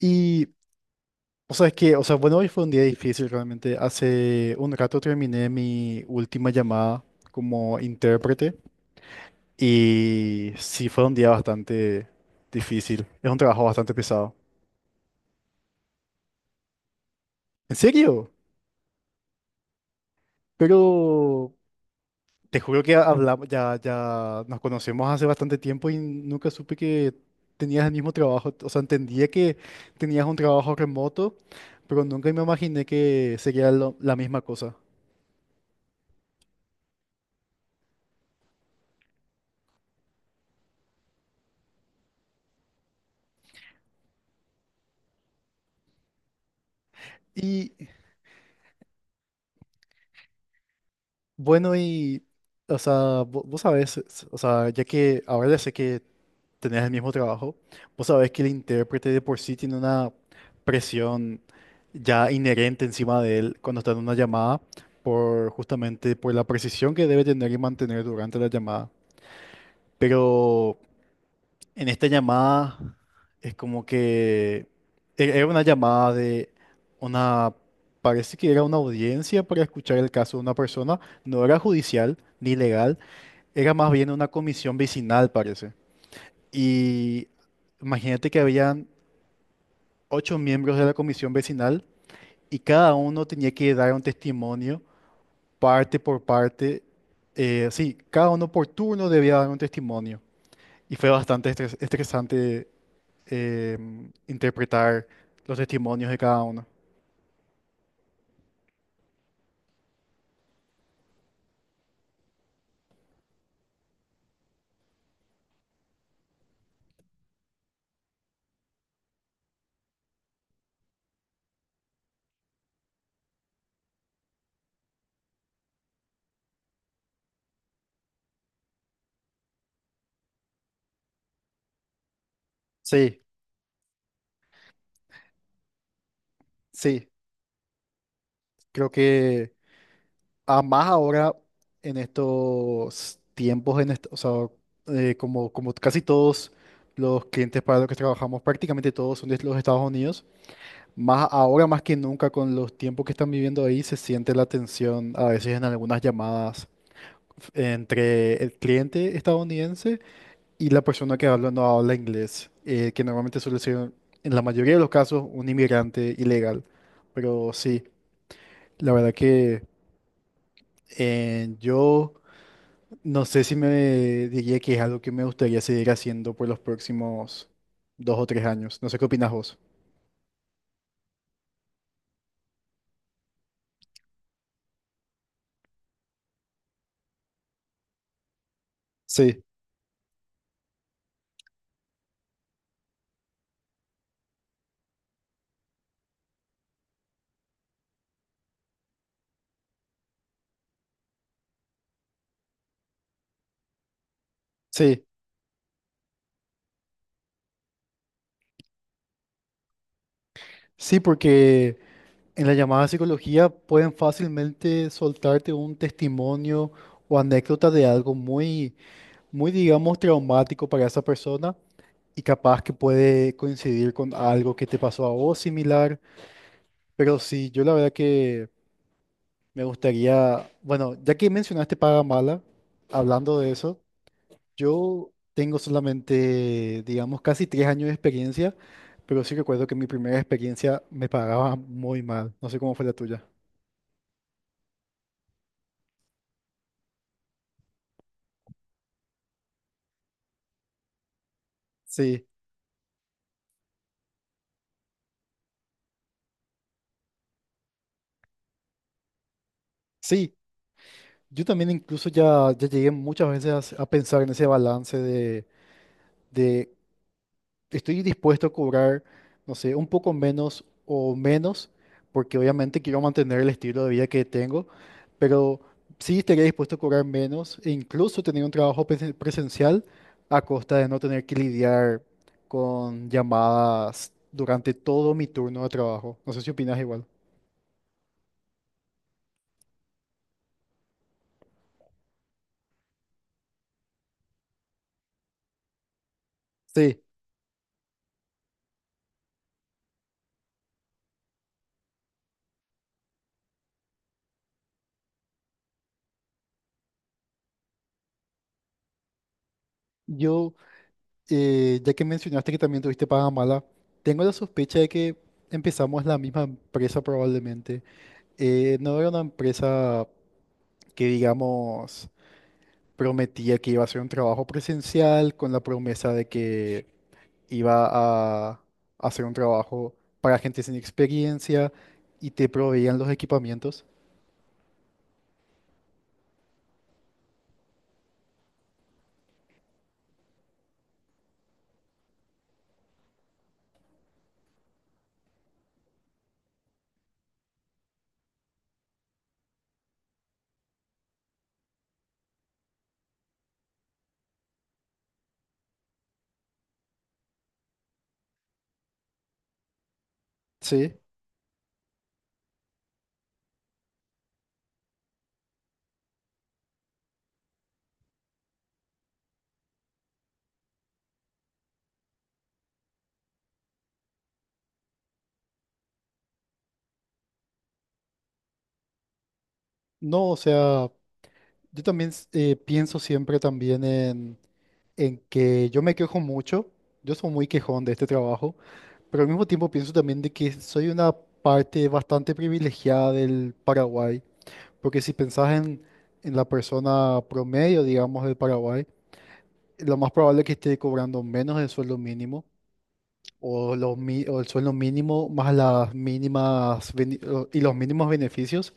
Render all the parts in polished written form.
Y, o sea, es que, o sea, bueno, hoy fue un día difícil realmente. Hace un rato terminé mi última llamada como intérprete y sí fue un día bastante difícil. Es un trabajo bastante pesado. ¿En serio? Pero te juro que hablamos. Ya nos conocemos hace bastante tiempo y nunca supe que tenías el mismo trabajo. O sea, entendía que tenías un trabajo remoto, pero nunca me imaginé que sería la misma cosa. Y, bueno, o sea, vos sabés, o sea, ya que ahora ya sé que tenés el mismo trabajo, vos sabés que el intérprete de por sí tiene una presión ya inherente encima de él cuando está en una llamada, por justamente por la precisión que debe tener y mantener durante la llamada. Pero en esta llamada es como que era una llamada de una, parece que era una audiencia para escuchar el caso de una persona, no era judicial ni legal, era más bien una comisión vecinal, parece. Y imagínate que habían ocho miembros de la comisión vecinal y cada uno tenía que dar un testimonio parte por parte. Sí, cada uno por turno debía dar un testimonio. Y fue bastante estresante, eh, interpretar los testimonios de cada uno. Sí, sí, creo que a más ahora en estos tiempos, o sea, como casi todos los clientes para los que trabajamos, prácticamente todos son de los Estados Unidos. Más ahora más que nunca con los tiempos que están viviendo ahí, se siente la tensión a veces en algunas llamadas, entre el cliente estadounidense y la persona que habla no habla inglés, que normalmente suele ser, en la mayoría de los casos, un inmigrante ilegal. Pero sí, la verdad que yo no sé si me diría que es algo que me gustaría seguir haciendo por los próximos 2 o 3 años. No sé qué opinas vos. Sí, sí, sí, porque en la llamada psicología pueden fácilmente soltarte un testimonio o anécdota de algo muy muy, digamos, traumático para esa persona y capaz que puede coincidir con algo que te pasó a vos similar. Pero sí, yo la verdad que me gustaría, bueno, ya que mencionaste paga mala, hablando de eso, yo tengo solamente, digamos, casi 3 años de experiencia, pero sí recuerdo que mi primera experiencia me pagaba muy mal. No sé cómo fue la tuya. Sí, sí, yo también incluso ya llegué muchas veces a pensar en ese balance de estoy dispuesto a cobrar, no sé, un poco menos o menos, porque obviamente quiero mantener el estilo de vida que tengo, pero sí estaría dispuesto a cobrar menos e incluso tener un trabajo presencial a costa de no tener que lidiar con llamadas durante todo mi turno de trabajo. No sé si opinas igual. Sí, yo, ya que mencionaste que también tuviste paga mala, tengo la sospecha de que empezamos la misma empresa probablemente. No era una empresa que digamos prometía que iba a hacer un trabajo presencial, con la promesa de que iba a hacer un trabajo para gente sin experiencia y te proveían los equipamientos. Sí, no, o sea, yo también pienso siempre también en que yo me quejo mucho, yo soy muy quejón de este trabajo, pero al mismo tiempo pienso también de que soy una parte bastante privilegiada del Paraguay. Porque si pensás en la persona promedio, digamos, del Paraguay, lo más probable es que esté cobrando menos del sueldo mínimo o, el sueldo mínimo más las mínimas y los mínimos beneficios.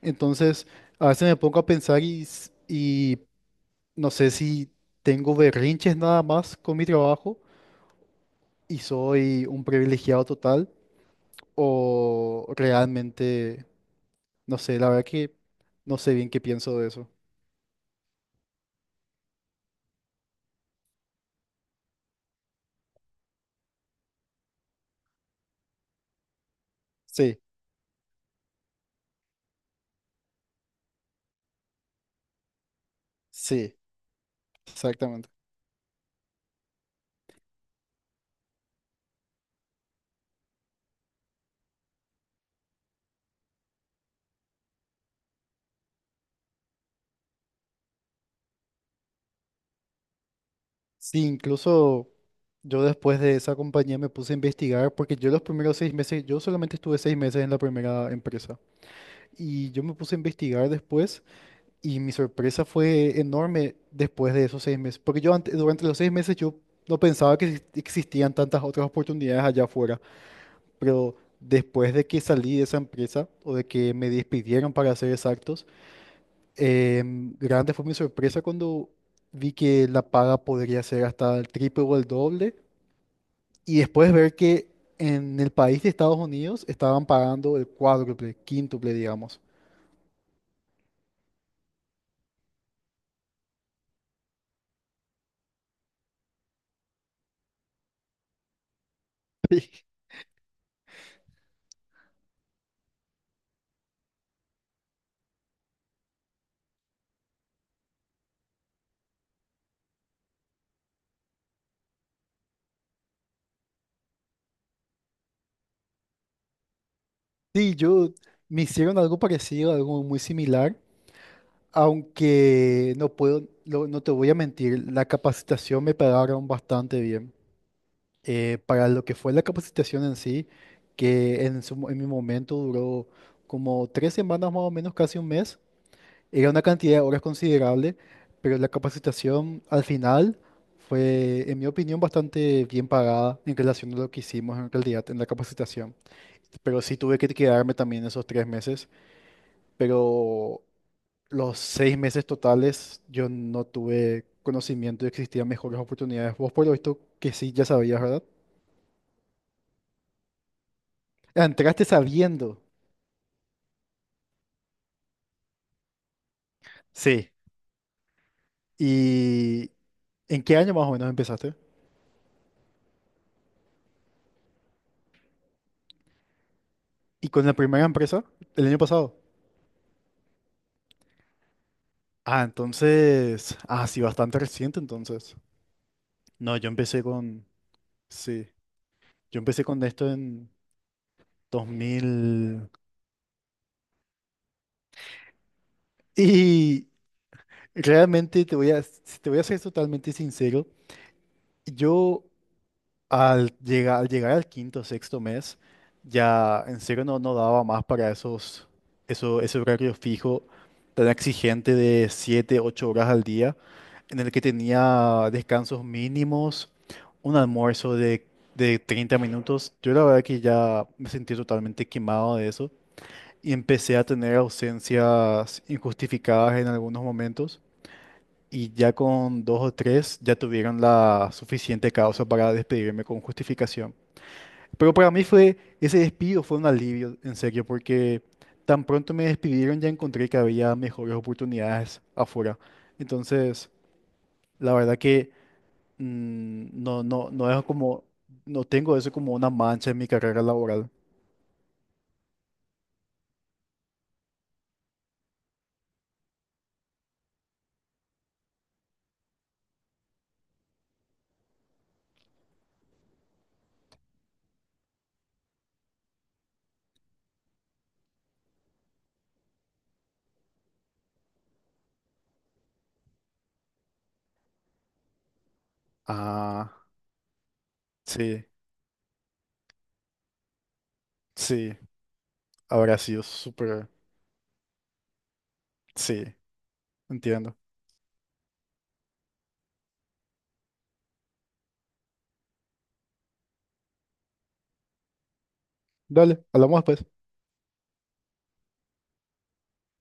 Entonces, a veces me pongo a pensar y no sé si tengo berrinches nada más con mi trabajo y soy un privilegiado total o realmente, no sé, la verdad que no sé bien qué pienso de eso. Sí, sí, exactamente. Sí, incluso yo después de esa compañía me puse a investigar, porque yo los primeros 6 meses, yo solamente estuve 6 meses en la primera empresa, y yo me puse a investigar después y mi sorpresa fue enorme después de esos 6 meses. Porque yo antes, durante los 6 meses, yo no pensaba que existían tantas otras oportunidades allá afuera, pero después de que salí de esa empresa o de que me despidieron para ser exactos, grande fue mi sorpresa cuando vi que la paga podría ser hasta el triple o el doble. Y después ver que en el país de Estados Unidos estaban pagando el cuádruple, quíntuple, digamos. Sí, yo me hicieron algo parecido, algo muy similar, aunque no puedo, no te voy a mentir, la capacitación me pagaron bastante bien. Para lo que fue la capacitación en sí, que en, en mi momento duró como 3 semanas más o menos, casi un mes, era una cantidad de horas considerable, pero la capacitación al final fue, en mi opinión, bastante bien pagada en relación a lo que hicimos en realidad en la capacitación. Pero sí tuve que quedarme también esos 3 meses. Pero los 6 meses totales yo no tuve conocimiento de que existían mejores oportunidades. Vos por lo visto que sí, ya sabías, ¿verdad? Ah, entraste sabiendo. Sí. ¿Y en qué año más o menos empezaste? ¿Y con la primera empresa? ¿El año pasado? Ah, entonces, ah, sí, bastante reciente entonces. No, yo empecé con, sí, yo empecé con esto en 2000 y realmente, si te voy a ser totalmente sincero, yo al llegar al quinto, o sexto mes, ya en serio no daba más para ese horario fijo tan exigente de 7 8 horas al día, en el que tenía descansos mínimos, un almuerzo de, 30 minutos. Yo la verdad que ya me sentí totalmente quemado de eso y empecé a tener ausencias injustificadas en algunos momentos. Y ya con dos o tres ya tuvieron la suficiente causa para despedirme con justificación. Pero para mí fue, ese despido fue un alivio, en serio, porque tan pronto me despidieron ya encontré que había mejores oportunidades afuera. Entonces, la verdad que no, no, no es como, no tengo eso como una mancha en mi carrera laboral. Ah, sí, sí, habrá sido súper, sí, entiendo. Dale, hablamos después.